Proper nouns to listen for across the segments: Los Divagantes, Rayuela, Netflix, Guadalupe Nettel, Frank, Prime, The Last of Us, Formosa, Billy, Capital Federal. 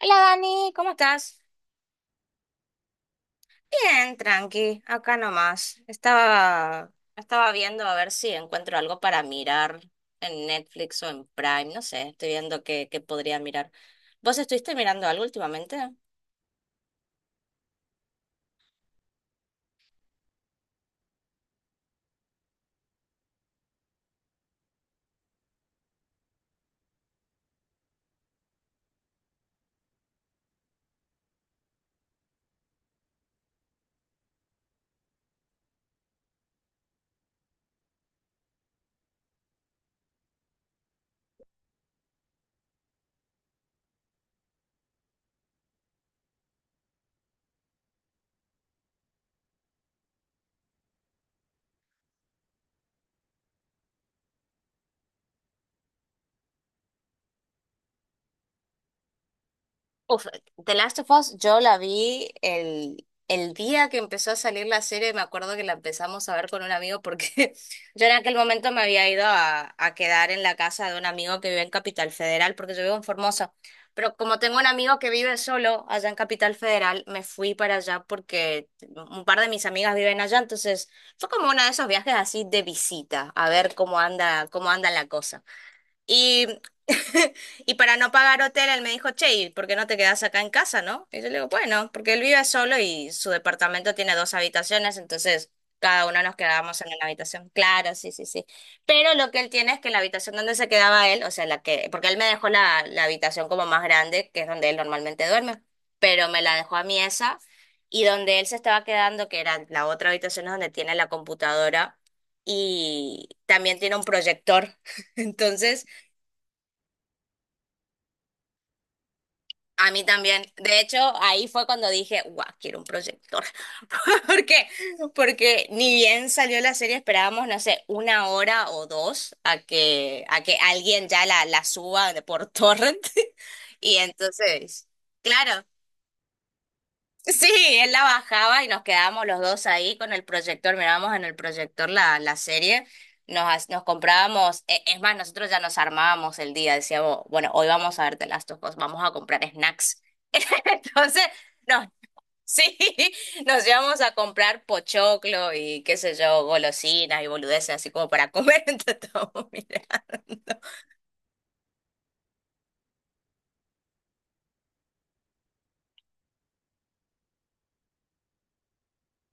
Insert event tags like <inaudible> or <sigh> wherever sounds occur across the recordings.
Hola Dani, ¿cómo estás? Bien, tranqui, acá nomás. Estaba viendo a ver si encuentro algo para mirar en Netflix o en Prime, no sé, estoy viendo qué podría mirar. ¿Vos estuviste mirando algo últimamente? Uf, The Last of Us, yo la vi el día que empezó a salir la serie, me acuerdo que la empezamos a ver con un amigo porque <laughs> yo en aquel momento me había ido a quedar en la casa de un amigo que vive en Capital Federal, porque yo vivo en Formosa, pero como tengo un amigo que vive solo allá en Capital Federal, me fui para allá porque un par de mis amigas viven allá, entonces fue como uno de esos viajes así de visita, a ver cómo anda la cosa. Y, <laughs> y para no pagar hotel, él me dijo, che, ¿y por qué no te quedas acá en casa, no? Y yo le digo, bueno, porque él vive solo y su departamento tiene dos habitaciones, entonces cada uno nos quedábamos en una habitación. Claro, sí, sí, sí. Pero lo que él tiene es que la habitación donde se quedaba él, o sea, la que, porque él me dejó la habitación como más grande, que es donde él normalmente duerme, pero me la dejó a mí esa, y donde él se estaba quedando, que era la otra habitación es donde tiene la computadora. Y también tiene un proyector. <laughs> Entonces, a mí también. De hecho, ahí fue cuando dije, guau, quiero un proyector. <laughs> ¿Por qué? Porque ni bien salió la serie, esperábamos, no sé, una hora o dos a que alguien ya la suba de por torrent. <laughs> Y entonces, claro. Sí, él la bajaba y nos quedábamos los dos ahí con el proyector, mirábamos en el proyector la serie, nos comprábamos, es más, nosotros ya nos armábamos el día, decíamos, bueno, hoy vamos a ver The Last of Us, vamos a comprar snacks. <laughs> Entonces, no, sí, nos íbamos a comprar pochoclo y qué sé yo, golosinas y boludeces, así como para comer <laughs> entre todos, mira.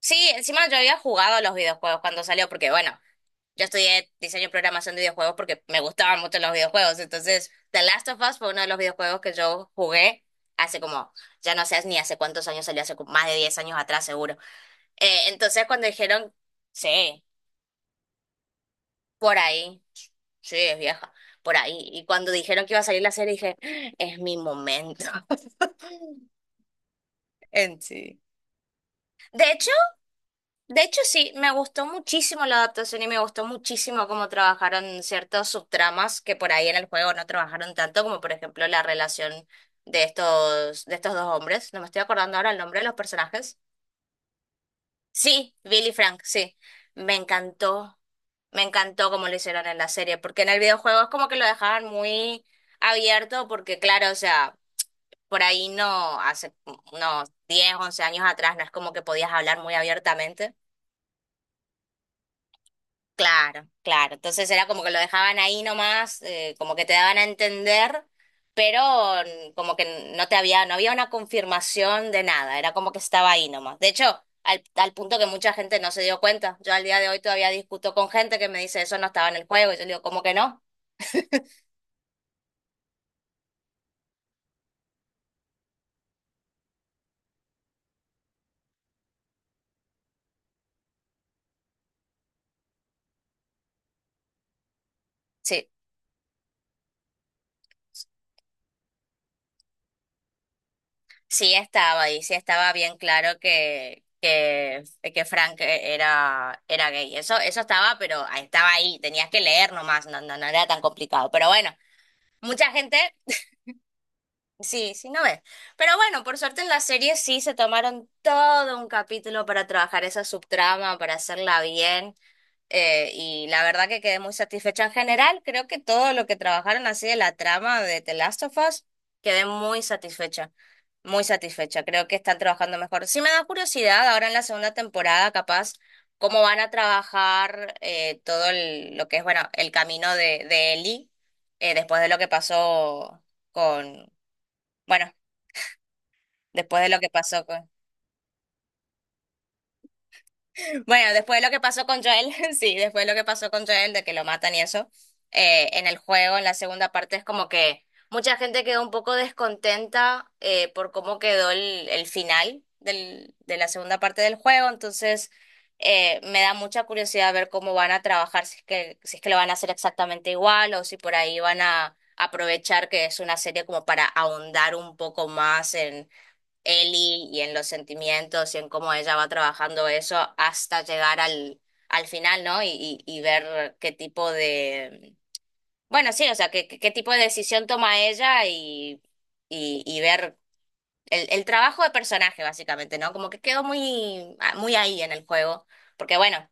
Sí, encima yo había jugado a los videojuegos cuando salió, porque bueno, yo estudié diseño y programación de videojuegos porque me gustaban mucho los videojuegos. Entonces, The Last of Us fue uno de los videojuegos que yo jugué hace como, ya no sé ni hace cuántos años salió, hace como más de 10 años atrás seguro. Entonces, cuando dijeron, sí, por ahí, sí, es vieja, por ahí. Y cuando dijeron que iba a salir la serie, dije, "Ah, es mi momento". <laughs> En sí. De hecho, De hecho, sí, me gustó muchísimo la adaptación y me gustó muchísimo cómo trabajaron ciertos subtramas que por ahí en el juego no trabajaron tanto, como por ejemplo la relación de estos dos hombres. No me estoy acordando ahora el nombre de los personajes. Sí, Billy y Frank, sí. Me encantó, me encantó cómo lo hicieron en la serie, porque en el videojuego es como que lo dejaban muy abierto, porque claro, o sea, por ahí no, hace unos 10, 11 años atrás no es como que podías hablar muy abiertamente. Claro, claro. Entonces era como que lo dejaban ahí nomás, como que te daban a entender, pero como que no te había, no había una confirmación de nada, era como que estaba ahí nomás. De hecho, al punto que mucha gente no se dio cuenta. Yo al día de hoy todavía discuto con gente que me dice eso no estaba en el juego, y yo le digo, ¿cómo que no? Sí, sí estaba ahí, sí estaba bien claro que Frank era, era gay. Eso estaba, pero estaba ahí, tenías que leer nomás, no, no, no era tan complicado. Pero bueno. Mucha gente sí, sí, no ves. Pero bueno, por suerte en la serie sí se tomaron todo un capítulo para trabajar esa subtrama, para hacerla bien. Y la verdad que quedé muy satisfecha en general. Creo que todo lo que trabajaron así de la trama de The Last of Us, quedé muy satisfecha. Muy satisfecha. Creo que están trabajando mejor. Sí me da curiosidad ahora en la segunda temporada, capaz, cómo van a trabajar lo que es, bueno, el camino de Ellie después de lo que pasó con bueno, después de lo que pasó con... Bueno, después de lo que pasó con Joel, <laughs> sí, después de lo que pasó con Joel, de que lo matan y eso, en el juego, en la segunda parte, es como que mucha gente quedó un poco descontenta por cómo quedó el final de la segunda parte del juego, entonces me da mucha curiosidad ver cómo van a trabajar, si es que lo van a hacer exactamente igual o si por ahí van a aprovechar que es una serie como para ahondar un poco más Ellie y en los sentimientos y en cómo ella va trabajando eso hasta llegar al, al final, ¿no? Y ver qué tipo de, bueno, sí, o sea, qué tipo de decisión toma ella y ver el trabajo de personaje, básicamente, ¿no? Como que quedó muy, muy ahí en el juego, porque bueno,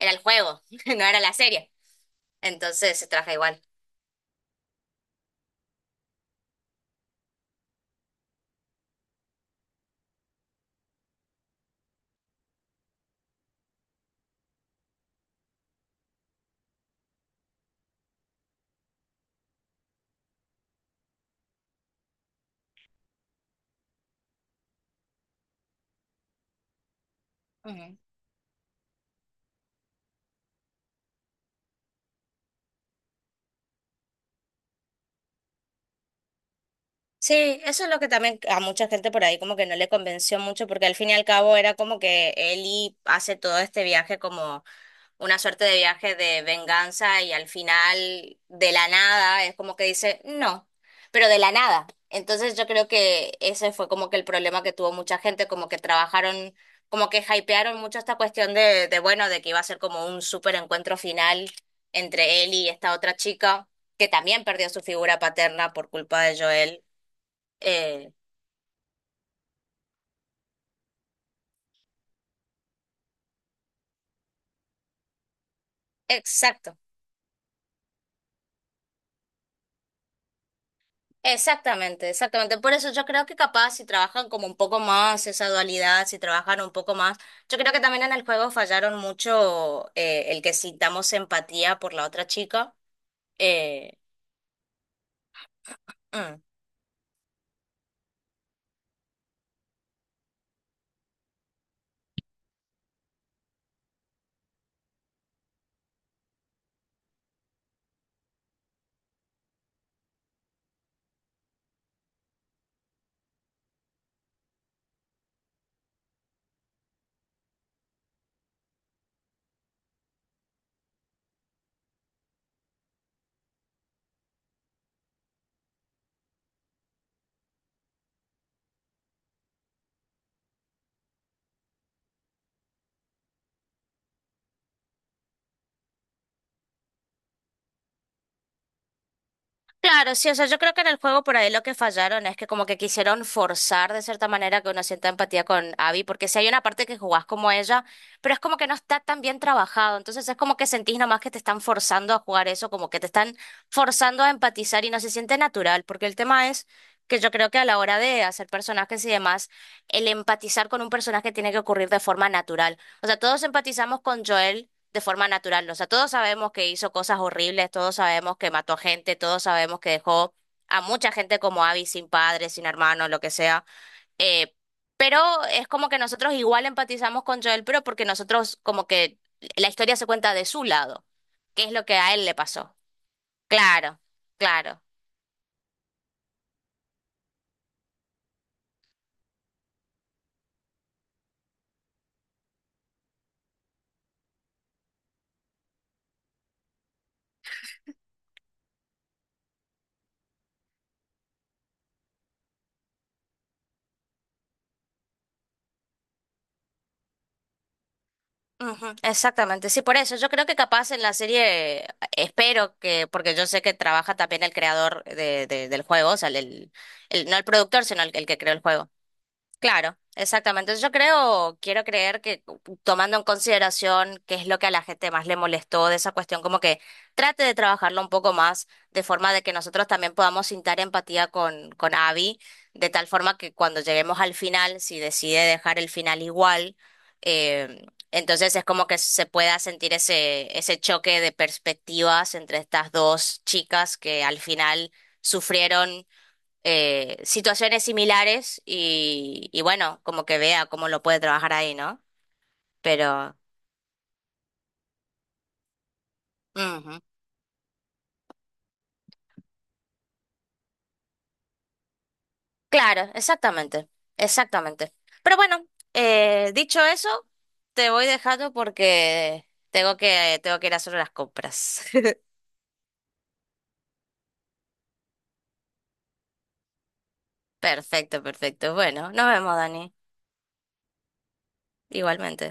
era el juego, <laughs> no era la serie, entonces se trabaja igual. Sí, eso es lo que también a mucha gente por ahí como que no le convenció mucho, porque al fin y al cabo era como que Ellie hace todo este viaje como una suerte de viaje de venganza y al final de la nada es como que dice no, pero de la nada. Entonces yo creo que ese fue como que el problema que tuvo mucha gente, como que trabajaron, como que hypearon mucho esta cuestión de bueno, de que iba a ser como un súper encuentro final entre Ellie y esta otra chica, que también perdió su figura paterna por culpa de Joel. Eh, exacto, exactamente, exactamente. Por eso yo creo que capaz si trabajan como un poco más esa dualidad, si trabajan un poco más, yo creo que también en el juego fallaron mucho el que sintamos empatía por la otra chica. Eh, mm. Claro, sí, o sea, yo creo que en el juego por ahí lo que fallaron es que como que quisieron forzar de cierta manera que uno sienta empatía con Abby, porque si hay una parte que jugás como ella, pero es como que no está tan bien trabajado, entonces es como que sentís nomás que te están forzando a jugar eso, como que te están forzando a empatizar y no se siente natural, porque el tema es que yo creo que a la hora de hacer personajes y demás, el empatizar con un personaje tiene que ocurrir de forma natural. O sea, todos empatizamos con Joel de forma natural. O sea, todos sabemos que hizo cosas horribles, todos sabemos que mató gente, todos sabemos que dejó a mucha gente como Abby sin padre, sin hermano, lo que sea. Eh, pero es como que nosotros igual empatizamos con Joel, pero porque nosotros como que la historia se cuenta de su lado, qué es lo que a él le pasó. Claro, claro. Ujú, exactamente, sí, por eso yo creo que capaz en la serie espero que, porque yo sé que trabaja también el creador del juego, o sea, no el productor, sino el que creó el juego. Claro, exactamente. Yo creo, quiero creer que tomando en consideración qué es lo que a la gente más le molestó de esa cuestión, como que trate de trabajarlo un poco más, de forma de que nosotros también podamos sintar empatía con Abby, de tal forma que cuando lleguemos al final, si decide dejar el final igual, eh, entonces es como que se pueda sentir ese, ese choque de perspectivas entre estas dos chicas que al final sufrieron situaciones similares y bueno, como que vea cómo lo puede trabajar ahí, ¿no? Pero, ujú. Claro, exactamente, exactamente. Pero bueno, dicho eso, te voy dejando porque tengo que ir a hacer las compras. <laughs> Perfecto, perfecto. Bueno, nos vemos, Dani, igualmente.